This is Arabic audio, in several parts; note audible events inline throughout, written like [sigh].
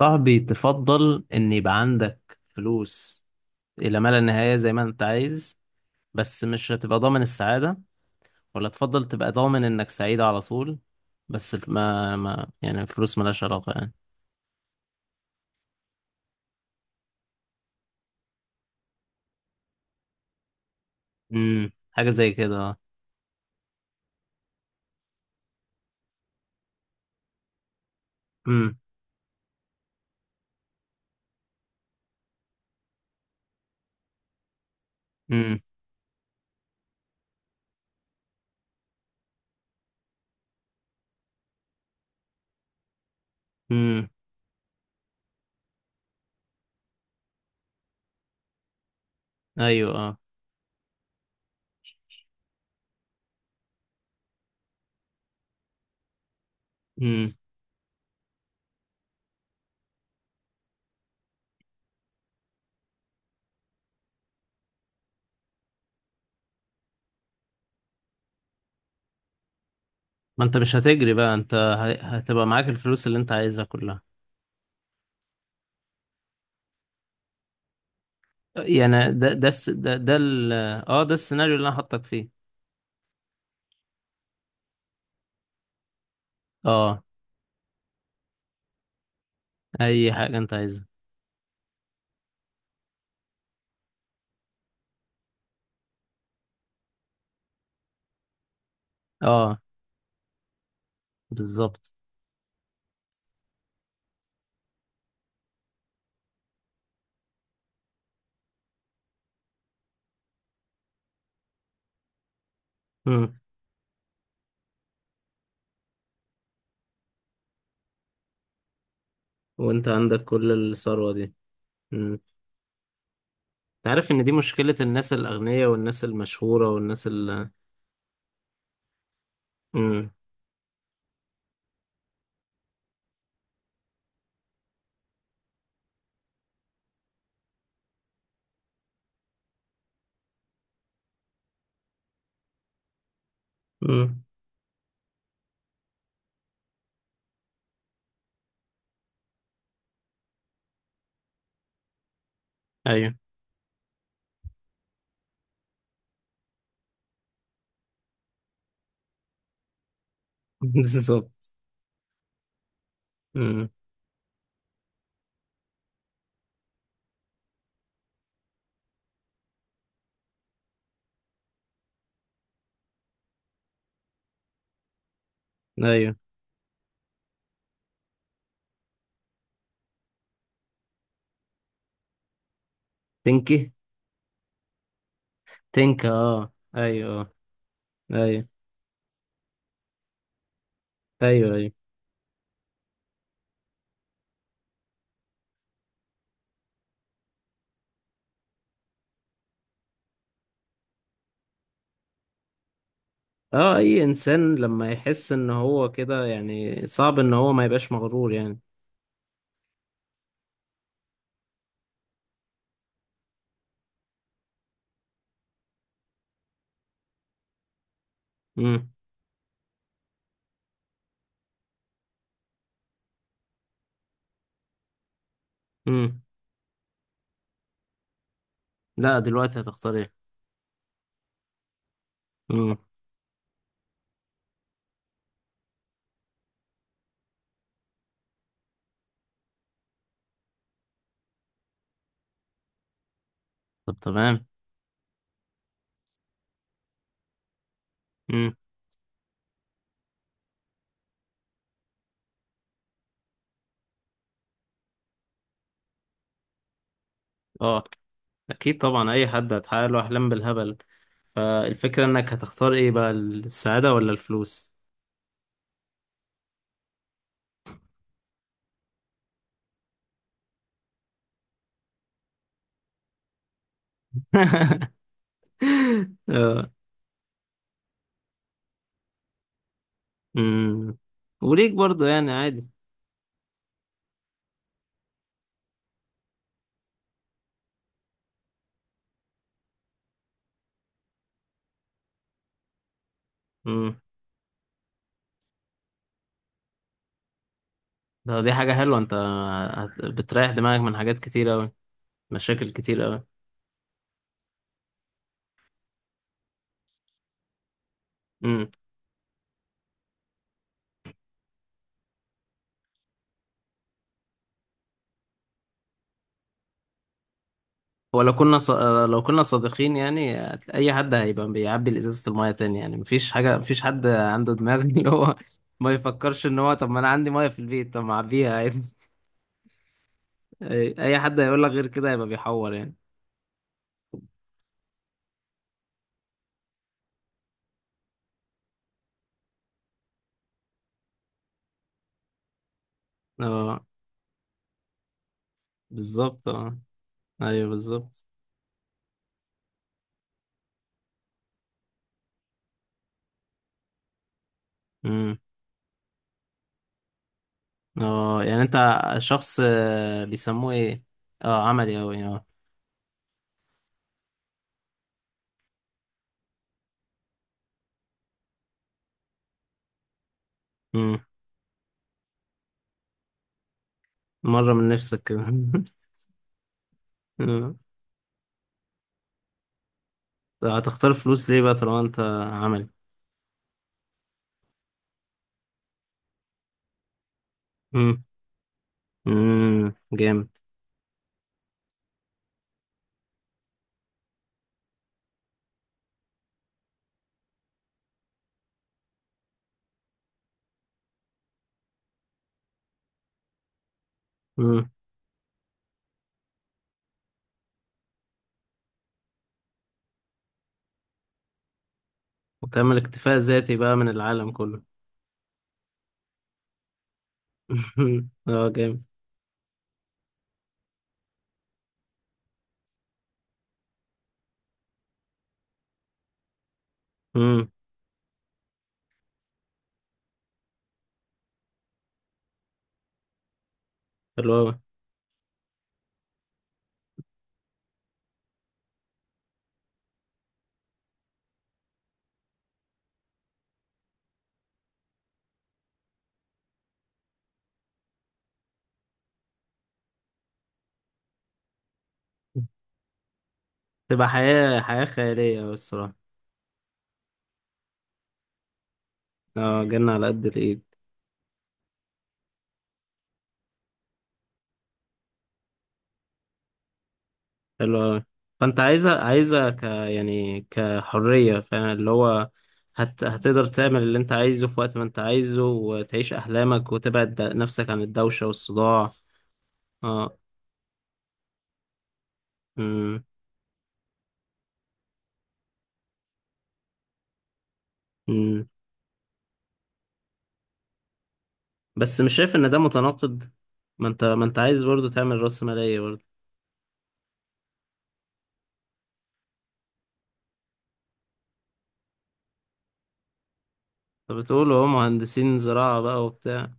صاحبي، تفضل ان يبقى عندك فلوس الى ما لا نهاية زي ما انت عايز. بس مش هتبقى ضامن السعادة، ولا تفضل تبقى ضامن انك سعيد على طول. بس ما يعني الفلوس ملهاش علاقة يعني. امم، حاجة زي كده. امم. امم. امم. ايوه، اه. امم. ما انت مش هتجري بقى، انت هتبقى معاك الفلوس اللي انت عايزها كلها. يعني ده السيناريو اللي انا حاطك فيه. اه. اي حاجة انت عايزها. اه. بالظبط. وانت عندك كل الثروة دي. امم. انت عارف ان دي مشكلة الناس الاغنياء والناس المشهورة والناس ال... امم. امم. ايوه. [laughs] بالظبط. امم. ايوه. تنكي. تنكا، اه، ايوه، آه. ايوه. ايوه، ايوه. اه، اي انسان لما يحس ان هو كده يعني صعب ان هو ما يبقاش مغرور يعني. امم. امم. لا، دلوقتي هتختار ايه؟ امم. طب، تمام. امم. اه. اكيد طبعا، اي حد هتحقق له احلام بالهبل. فالفكرة انك هتختار ايه بقى، السعادة ولا الفلوس؟ [laughs] آه. أمم. وليك برضو يعني، عادي. أمم. دي حاجة حلوة. انت بتريح دماغك من حاجات كتير اوي، مشاكل كتير اوي. أمم. ولو كنا ص... لو كنا صادقين يعني، اي حد هيبقى بيعبي ازازة المية تاني يعني، مفيش حد عنده دماغ. [laughs] اللي هو ما يفكرش ان هو، طب ما انا عندي مية في البيت، طب ما اعبيها عادي. [laughs] أي حد هيقول لك غير كده هيبقى بيحور يعني. اه. بالظبط، اه. ايوه، بالظبط. امم. اه، يعني انت شخص آه، بيسموه ايه؟ اه، عملي اوي، اه. امم. مره من نفسك كده. [laughs] أمم. طب هتختار فلوس ليه بقى طالما انت عملي؟ امم. امم. جامد. امم. وتعمل اكتفاء ذاتي بقى من العالم كله. [laughs] اه، جامد. امم. حلو اوي. تبقى حياه خياليه أوي الصراحه. اه، جنة على قد الايد. حلو أوي. فأنت عايزها يعني كحرية، فاهم اللي هو. هتقدر تعمل اللي أنت عايزه في وقت ما أنت عايزه، وتعيش أحلامك، وتبعد نفسك عن الدوشة والصداع. اه. أمم. أمم. بس مش شايف إن ده متناقض؟ ما أنت عايز برضو تعمل رأسمالية برضو. طب بتقولوا هو مهندسين زراعة بقى وبتاع.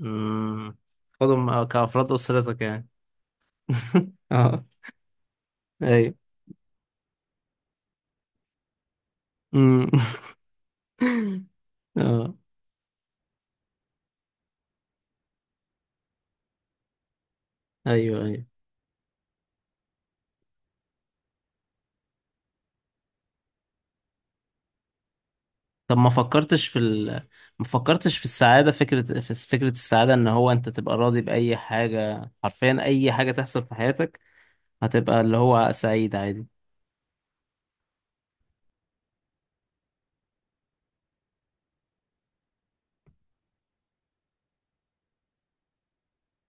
أمم. خدهم كأفراد أسرتك يعني. [laughs] اه. ايوه. أمم. [laughs] اه. ايوه، ايوه. طب ما فكرتش في السعادة؟ فكرة، فكرة السعادة ان هو انت تبقى راضي بأي حاجة، حرفيا اي حاجة تحصل في حياتك، هتبقى اللي هو سعيد عادي.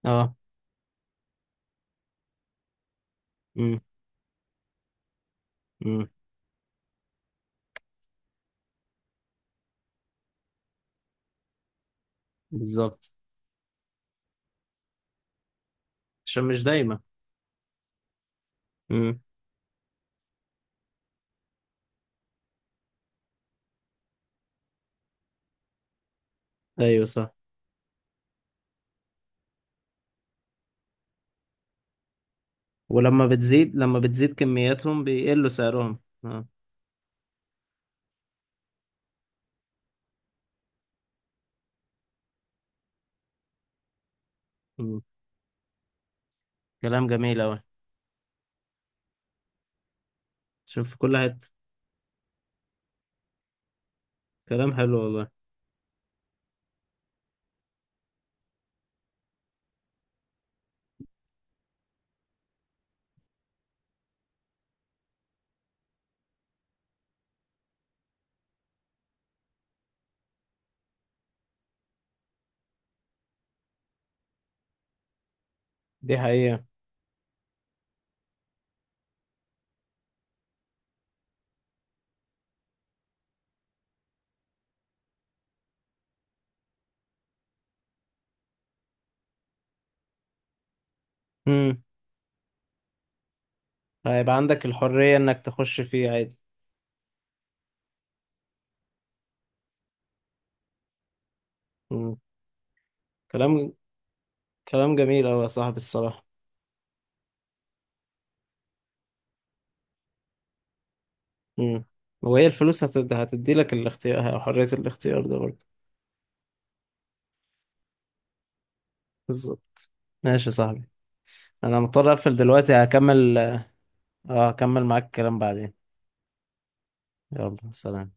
اه. امم. امم. بالظبط. عشان مش دايما. امم. ايوه، صح. ولما بتزيد كمياتهم بيقلوا سعرهم. اه. مم. كلام جميل اوي. شوف في كل حتة. كلام حلو والله. دي حقيقة. امم. هيبقى عندك الحرية انك تخش فيه عادي. مم. كلام كلام جميل اوي يا صاحبي، الصراحة. امم. وهي الفلوس هتدي لك الاختيار، حرية الاختيار ده برضه. بالظبط. ماشي يا صاحبي. انا مضطر اقفل دلوقتي، هكمل. اه، هكمل معاك الكلام بعدين. يلا، سلام.